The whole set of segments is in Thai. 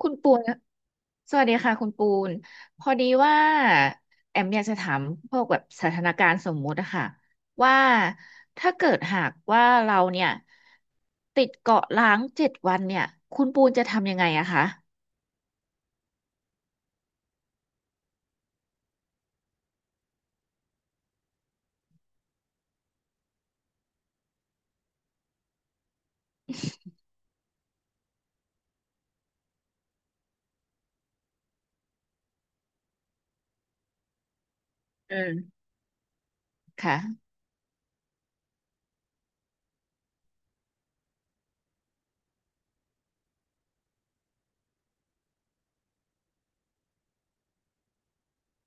คุณปูนนะสวัสดีค่ะคุณปูน พอดีว่าแอมอยากจะถามพวกแบบสถานการณ์สมมุติอะค่ะว่าถ้าเกิดหากว่าเราเนี่ยติดเกาะล้างเจ็ดวันเนี่ยคุณปูนจะทำยังไงอะคะอืมค่ะ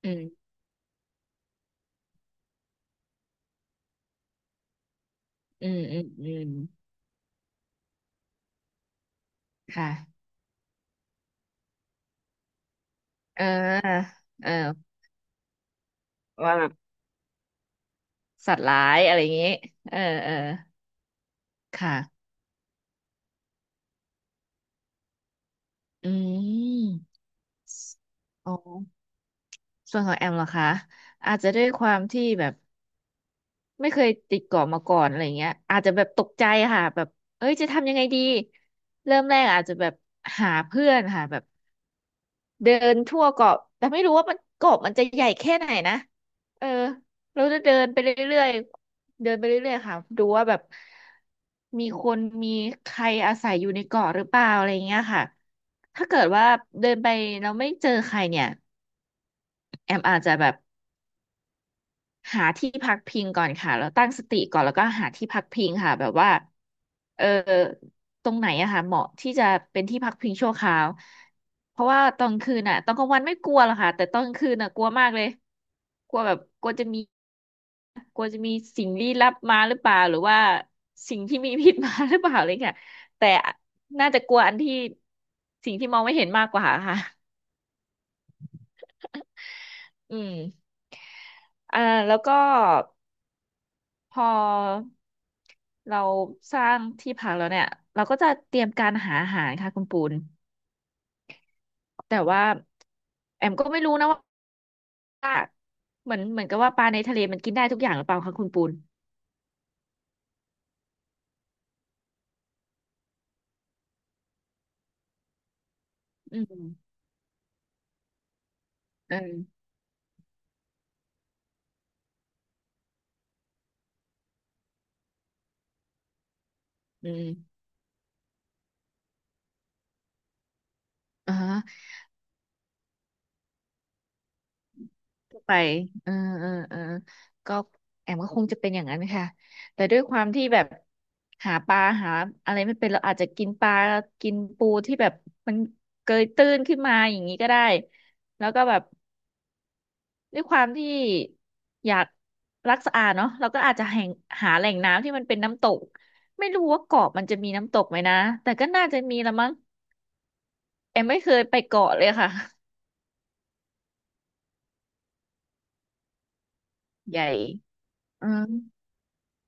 อืมอืมอืมอืมค่ะเออเออว่าแบบสัตว์ร้ายอะไรอย่างงี้เออเออค่ะอืมอ๋อส่วนของแอมเหรอคะอาจจะด้วยความที่แบบ ไม่เคยติดเกาะมาก่อนอะไรเงี้ยอาจจะแบบตกใจค่ะแบบเอ้ยจะทำยังไงดีเริ่มแรกอาจจะแบบหาเพื่อนค่ะแบบเดินทั่วเกาะแต่ไม่รู้ว่ามันเกาะมันจะใหญ่แค่ไหนนะเออเราจะเดินไปเรื่อยๆเดินไปเรื่อยๆค่ะดูว่าแบบมีคนมีใครอาศัยอยู่ในเกาะหรือเปล่าอะไรเงี้ยค่ะถ้าเกิดว่าเดินไปเราไม่เจอใครเนี่ยแอมอาจจะแบบ หาที่พักพิงก่อนค่ะแล้วตั้งสติก่อนแล้วก็หาที่พักพิงค่ะแบบว่าเออตรงไหนอะค่ะเหมาะที่จะเป็นที่พักพิงชั่วคราวเพราะว่าตอนคืนอะตอนกลางวันไม่กลัวหรอกค่ะแต่ตอนคืนอะกลัวมากเลยกลัวแบบกลัวจะมีกลัวจะมีสิ่งลี้ลับมาหรือเปล่าหรือว่าสิ่งที่มีพิษมาหรือเปล่าอะไรเงี้ยแต่น่าจะกลัวอันที่สิ่งที่มองไม่เห็นมากกว่าค่ะอืมอ่าแล้วก็ พอเราสร้างที่พักแล้วเนี่ยเราก็จะเตรียมการหาอาหารค่ะคุณปูนแต่ว่าแอมก็ไม่รู้นะว่าเหมือนกับว่าปลาในทะเลมันกินได้ทุกอย่างหรือเปล่าคะคุณปูนอืมเอออืมอ่าฮะก็ไปเออเออเออก็แอมก็คงจะเป็นอย่างนั้นค่ะแต่ด้วยความที่แบบหาปลาหาอะไรไม่เป็นเราอาจจะกินปลากินปูที่แบบมันเกยตื้นขึ้นมาอย่างนี้ก็ได้แล้วก็แบบ ด้วยความที่อยากรักสะอาดเนาะเราก็อาจจะแห่งหาแหล่งน้ำที่มันเป็นน้ำตกไม่รู้ว่าเกาะมันจะมีน้ำตกไหมนะแต่ก็น่าจะมีละมั้งแอมไม่เคยไปเกาะเลยค่ะใหญ่อืม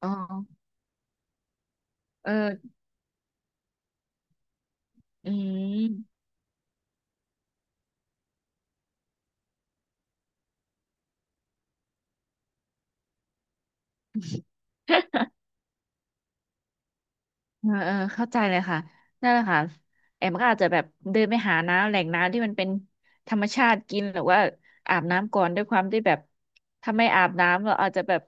อ๋อเอออืม เออเออเข้าใจเลยค่ะนั่นแหละค่ะแอมก็อาจจะแบบเดินไปหาน้ำแหล่งน้ำที่มันเป็นธรรมชาติกินหรือว่าอาบน้ำก่อนด้วยความที่แบบถ้าไม่อาบน้ำเราอาจจะแบบ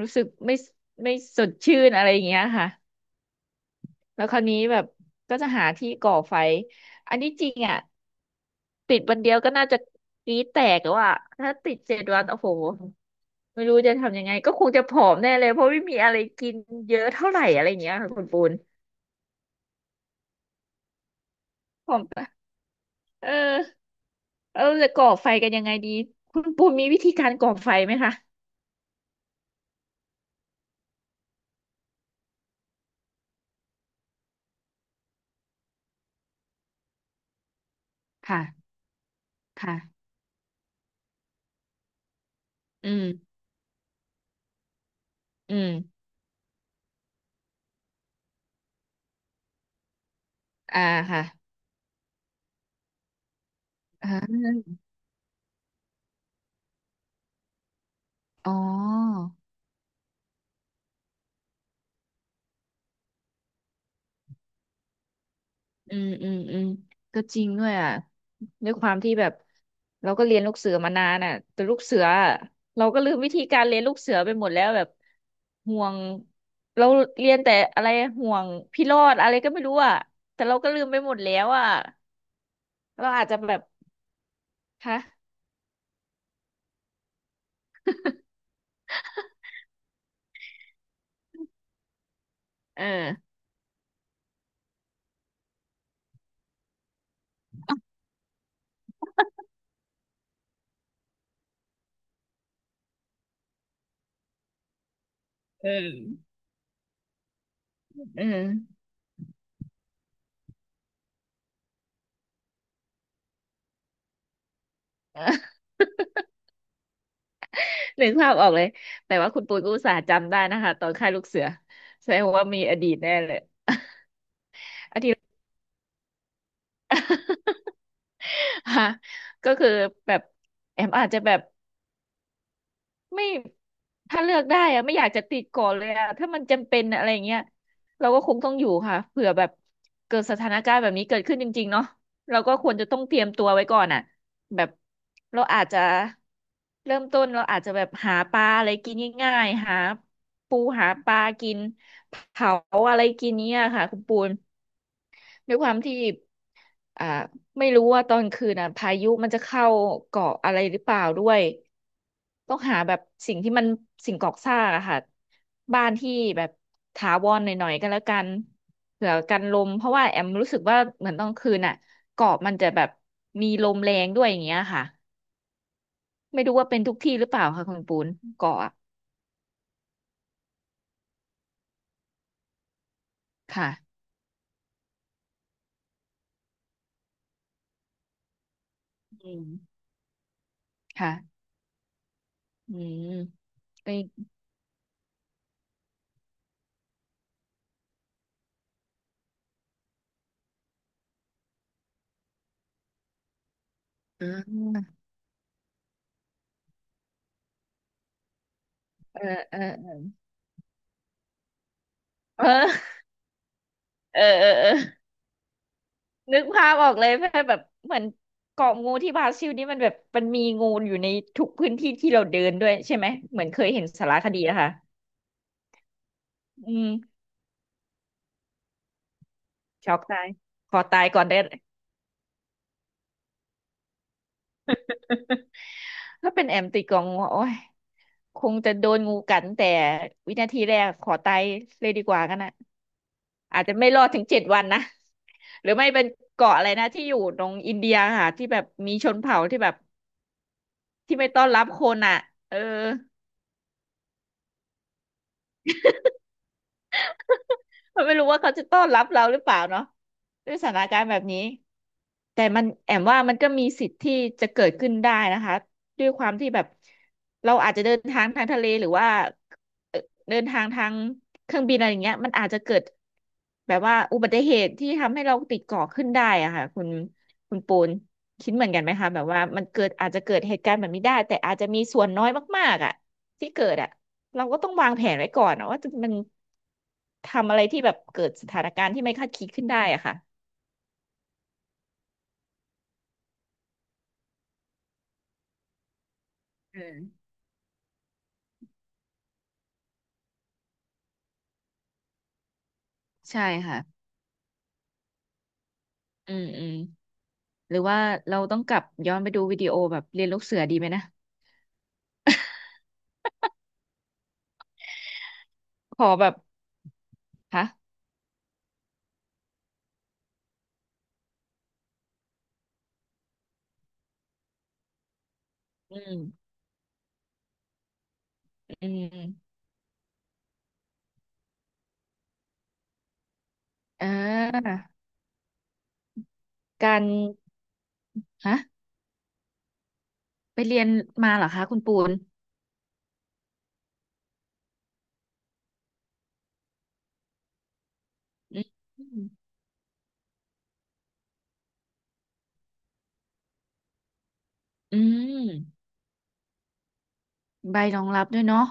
รู้สึกไม่สดชื่นอะไรอย่างเงี้ยค่ะ แล้วคราวนี้แบบก็จะหาที่ก่อไฟ อันนี้จริงอ่ะติดวันเดียวก็น่าจะกรี๊ดแตกแล้วอ่ะถ้าติดเจ็ดวันโอ้โหไม่รู้จะทำยังไงก็คงจะผอมแน่เลยเพราะไม่มีอะไรกินเยอะเท่าไหร่อะไรอย่างเงี้ยค่ะคุณปูนผอมปะเออเออจะก่อไฟกันยังไงดีคุณปูนมีวิธีการก่อไฟไหมคะค่ะค่ะอืมอืมอ่าค่ะอ่าอ๋อ อืมอืมอืมก็จริงด้วยอ่ะด้วยความที่แบบเราก็เรียนลูกเสือมานานอ่ะแต่ลูกเสืออะเราก็ลืมวิธีการเรียนลูกเสือไปหมดแล้วแบบห่วงเราเรียนแต่อะไรห่วงพี่รอดอะไรก็ไม่รู้อ่ะแต่เราก็ลืมไปหมดแล้วอ่ะเราอาจจะแบบคะเออเออเออ นึกภาพออกเลยแต่ว่าคุณปูนก็อุตส่าห์จำได้นะคะตอนค่ายลูกเสือแสดงว่ามีอดีตแน่เลย ฮะก็คือแบบแอมอาจจะแบบไม่ถ้าเลือกได้อะไม่อยากจะติดก่อนเลยอะถ้ามันจำเป็นอะไรอย่างเงี้ยเราก็คงต้องอยู่ค่ะเผื่อแบบเกิดสถานการณ์แบบนี้เกิดขึ้นจริงๆเนาะเราก็ควรจะต้องเตรียมตัวไว้ก่อนอะแบบเราอาจจะเริ่มต้นเราอาจจะแบบหาปลาอะไรกินง่ายๆหาปูหาปลากินเผาอะไรกินเนี้ยค่ะคุณปูน ด้วยความที่อ่าไม่รู้ว่าตอนคืนอ่ะพายุมันจะเข้าเกาะอะไรหรือเปล่าด้วยต้องหาแบบสิ่งที่มันสิ่งก่อสร้างอะค่ะบ้านที่แบบถาวรหน่อยๆก็แล้วกันเผื่อกันลมเพราะว่าแอมรู้สึกว่าเหมือนตอนคืนอ่ะเกาะมันจะแบบมีลมแรงด้วยอย่างเงี้ยค่ะไม่รู้ว่าเป็นทุกที่หรือเปล่าค่ะคุณปูนเกาะอะค่ะอืมค่ะอืมก็อ่าเออเออเออเออเออเออ นึกภาพออกเลยแบบเหมือนเกาะงูที่บราซิลนี่มันแบบมันมีงูอยู่ในทุกพื้นที่ที่เราเดินด้วยใช่ไหมเหมือนเคยเห็นสารคดีนะคะอืมช็อกตายขอตายก่อนได้ถ้าเป็นแอมติดกองงูโอ้ยคงจะโดนงูกัดแต่วินาทีแรกขอตายเลยดีกว่ากันนะอาจจะไม่รอดถึง7 วันนะหรือไม่เป็นเกาะอะไรนะที่อยู่ตรงอินเดียค่ะที่แบบมีชนเผ่าที่แบบที่ไม่ต้อนรับคนอ่ะเออ เขาไม่รู้ว่าเขาจะต้อนรับเราหรือเปล่าเนาะด้วยสถานการณ์แบบนี้ แต่มันแอมว่ามันก็มีสิทธิ์ที่จะเกิดขึ้นได้นะคะด้วยความที่แบบเราอาจจะเดินทางทางทะเลหรือว่าเอ่อเดินทางทางเครื่องบินอะไรอย่างเงี้ยมันอาจจะเกิดแบบว่าอุบัติเหตุที่ทำให้เราติดเกาะขึ้นได้อะค่ะคุณปูนคิดเหมือนกันไหมคะแบบว่ามันเกิดอาจจะเกิดเหตุการณ์แบบนี้ได้แต่อาจจะมีส่วนน้อยมากๆอะที่เกิดอะเราก็ต้องวางแผนไว้ก่อนอะว่าจะมันทำอะไรที่แบบเกิดสถานการณ์ที่ไม่คาดคิดขึ้นได้อะค่ะอืมใช่ค่ะ อืมอืมหรือว่าเราต้องกลับย้อนไปดูวิดีโอแบบเรียนลูกเสือดีไหมนะพอแบบฮะอืมอืมอ่าการฮะไปเรียนมาเหรอคะคุณปูนอืมอืมใบรองรับด้วยเนาะ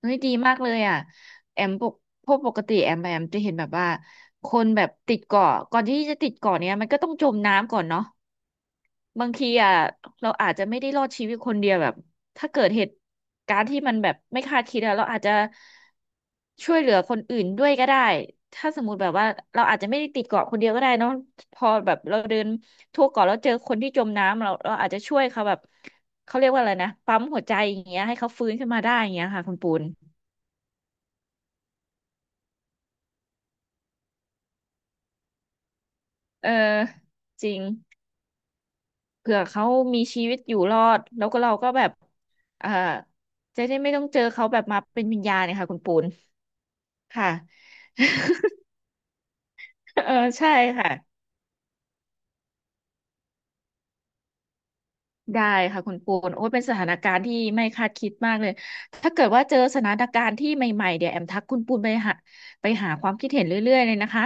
เฮ้ยดีมากเลยอ่ะแอมปกพวกปกติแอมไปแอมจะเห็นแบบว่าคนแบบติดเกาะก่อนที่จะติดเกาะเนี้ยมันก็ต้องจมน้ำก่อนเนาะ บางทีอ่ะเราอาจจะไม่ได้รอดชีวิตคนเดียวแบบถ้าเกิดเหตุการณ์ที่มันแบบไม่คาดคิดอะเราอาจจะช่วยเหลือคนอื่นด้วยก็ได้ถ้าสมมุติแบบว่าเราอาจจะไม่ได้ติดเกาะคนเดียวก็ได้เนอะพอแบบเราเดินทั่วเกาะแล้วเจอคนที่จมน้ำเราอาจจะช่วยเขาแบบเขาเรียกว่าอะไรนะปั๊มหัวใจอย่างเงี้ยให้เขาฟื้นขึ้นมาได้อย่างเงี้ยค่ะคุณปูนเออจริงเผื่อเขามีชีวิตอยู่รอดแล้วก็เราก็แบบเอ่อจะได้ไม่ต้องเจอเขาแบบมาเป็นวิญญาณเนี่ยค่ะคุณปูน ค่ะเออใช่ค่ะ ได้ค่ะคุณปูนโอ้ยเป็นสถานการณ์ที่ไม่คาดคิดมากเลย ถ้าเกิดว่าเจอสถานการณ์ที่ใหม่ๆ เดี๋ยวแอมทักคุณปูนไปหาความคิดเห็นเรื่อยๆเลยนะคะ